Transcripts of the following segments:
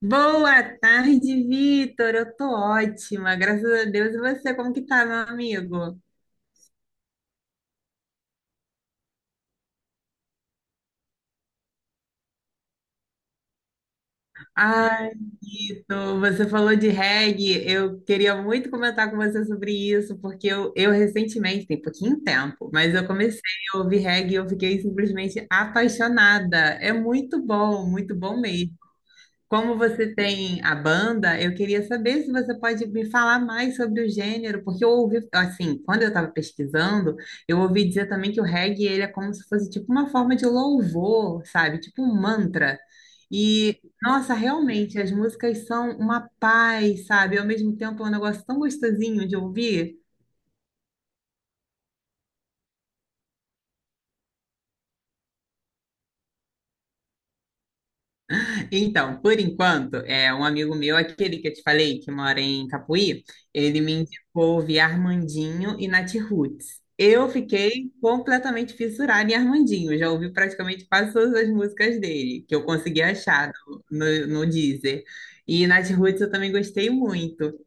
Boa tarde, Vitor. Eu tô ótima, graças a Deus. E você, como que tá, meu amigo? Ai, Vitor, você falou de reggae. Eu queria muito comentar com você sobre isso, porque eu recentemente, tem pouquinho tempo, mas eu comecei a ouvir reggae e eu fiquei simplesmente apaixonada. É muito bom mesmo. Como você tem a banda, eu queria saber se você pode me falar mais sobre o gênero, porque eu ouvi, assim, quando eu estava pesquisando, eu ouvi dizer também que o reggae, ele é como se fosse tipo uma forma de louvor, sabe? Tipo um mantra. E, nossa, realmente, as músicas são uma paz, sabe? Ao mesmo tempo, é um negócio tão gostosinho de ouvir. Então, por enquanto, é um amigo meu, aquele que eu te falei, que mora em Capuí, ele me indicou ouvir Armandinho e Nath Roots. Eu fiquei completamente fissurada em Armandinho, eu já ouvi praticamente quase todas as músicas dele que eu consegui achar no Deezer. E Nath Roots eu também gostei muito.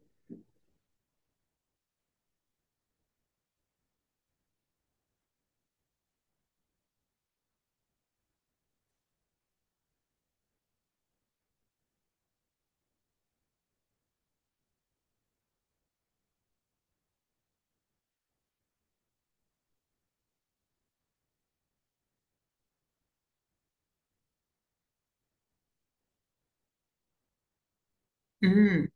Hum.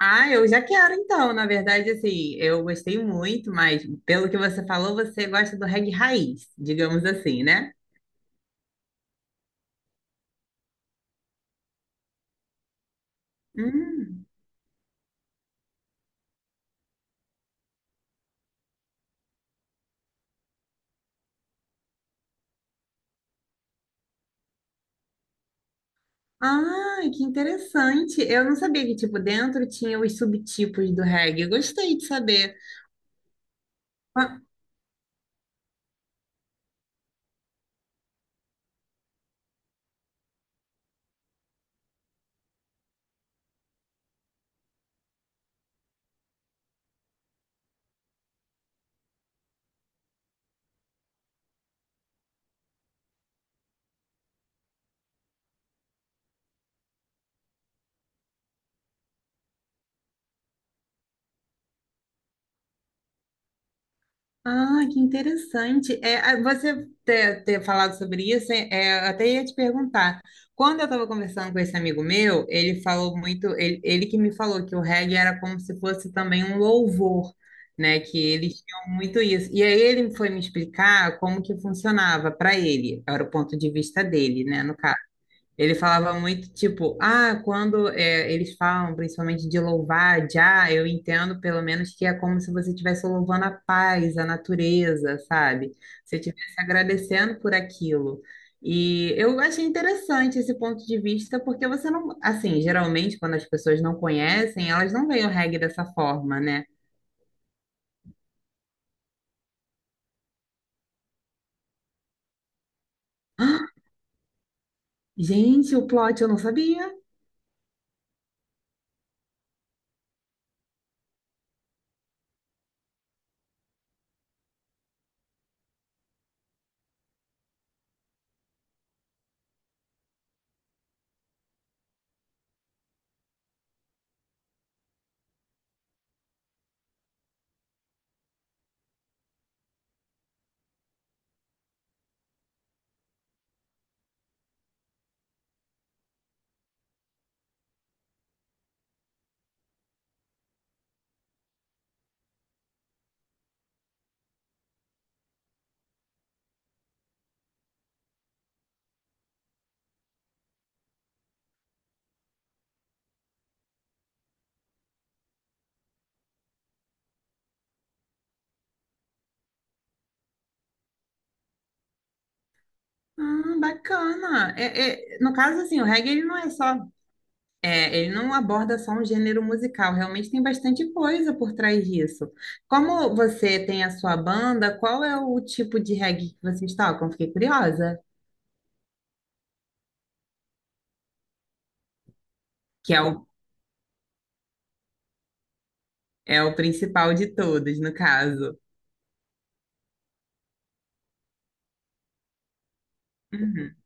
Ah, eu já quero então, na verdade, assim, eu gostei muito, mas pelo que você falou, você gosta do reggae raiz, digamos assim, né? Hum. Ah, que interessante. Eu não sabia que, tipo, dentro tinha os subtipos do reggae. Eu gostei de saber. Ah, ah, que interessante. É, ah, você ter, ter falado sobre isso, é, é, eu até ia te perguntar. Quando eu estava conversando com esse amigo meu, ele falou muito, ele que me falou que o reggae era como se fosse também um louvor, né? Que eles tinham muito isso. E aí ele foi me explicar como que funcionava para ele, era o ponto de vista dele, né, no caso. Ele falava muito tipo, ah, quando é, eles falam principalmente de louvar, já, eu entendo pelo menos que é como se você estivesse louvando a paz, a natureza, sabe? Você estivesse agradecendo por aquilo. E eu achei interessante esse ponto de vista, porque você não, assim, geralmente quando as pessoas não conhecem, elas não veem o reggae dessa forma, né? Gente, o plot eu não sabia. Ah, bacana. É, é, no caso, assim, o reggae ele não é só. É, ele não aborda só um gênero musical, realmente tem bastante coisa por trás disso. Como você tem a sua banda, qual é o tipo de reggae que vocês tocam? Fiquei curiosa. Que é o, é o principal de todos, no caso. Uhum.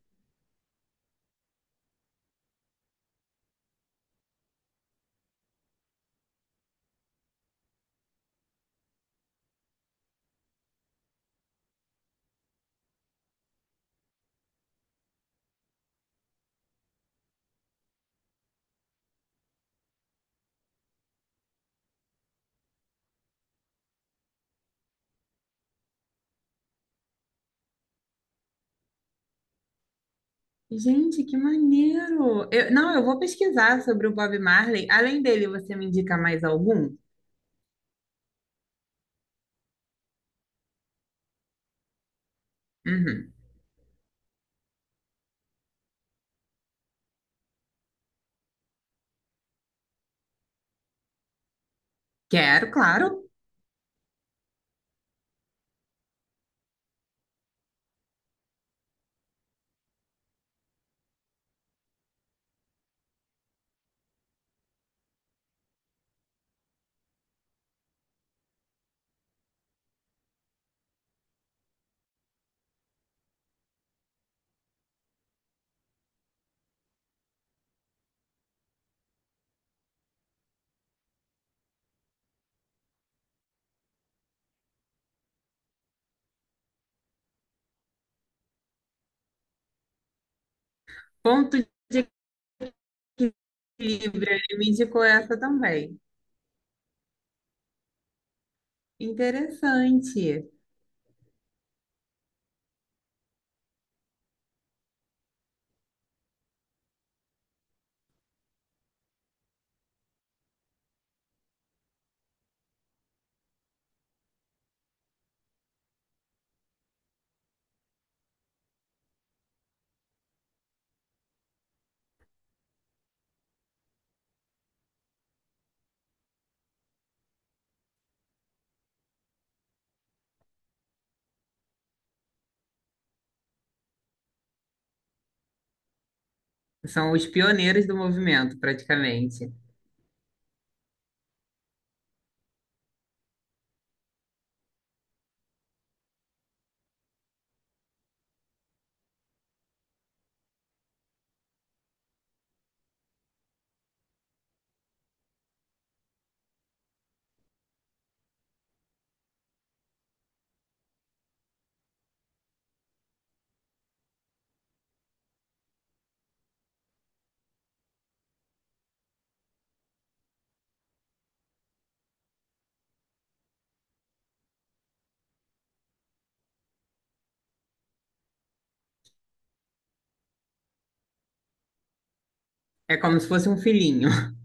Gente, que maneiro! Não, eu vou pesquisar sobre o Bob Marley. Além dele, você me indica mais algum? Uhum. Quero, claro. Ponto Livre, ele me indicou essa também. Interessante. São os pioneiros do movimento, praticamente. É como se fosse um filhinho.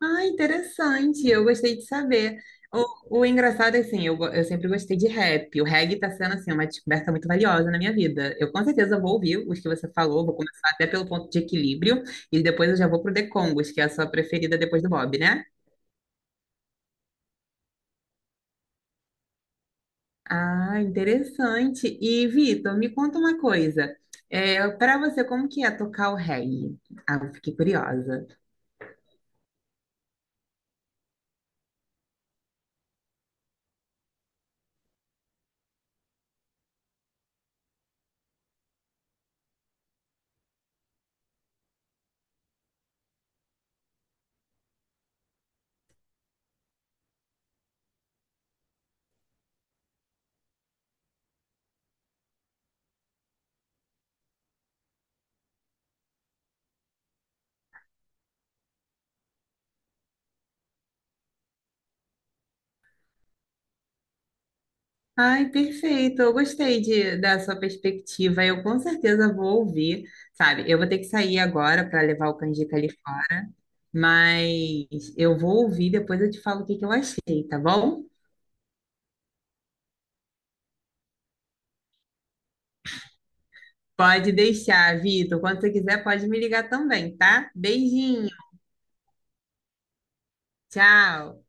Ah, interessante. Eu gostei de saber. O engraçado é assim, eu, eu sempre gostei de rap. O reggae tá sendo assim uma descoberta muito valiosa na minha vida. Eu com certeza vou ouvir os que você falou, vou começar até pelo Ponto de Equilíbrio e depois eu já vou pro The Congos, que é a sua preferida depois do Bob, né? Ah, interessante. E Vitor, me conta uma coisa. É, para você, como que é tocar o reggae? Ah, eu fiquei curiosa. Ai, perfeito. Eu gostei de, da sua perspectiva. Eu com certeza vou ouvir, sabe? Eu vou ter que sair agora para levar o Canjica ali fora, mas eu vou ouvir, depois eu te falo o que que eu achei, tá bom? Pode deixar, Vitor. Quando você quiser, pode me ligar também, tá? Beijinho. Tchau.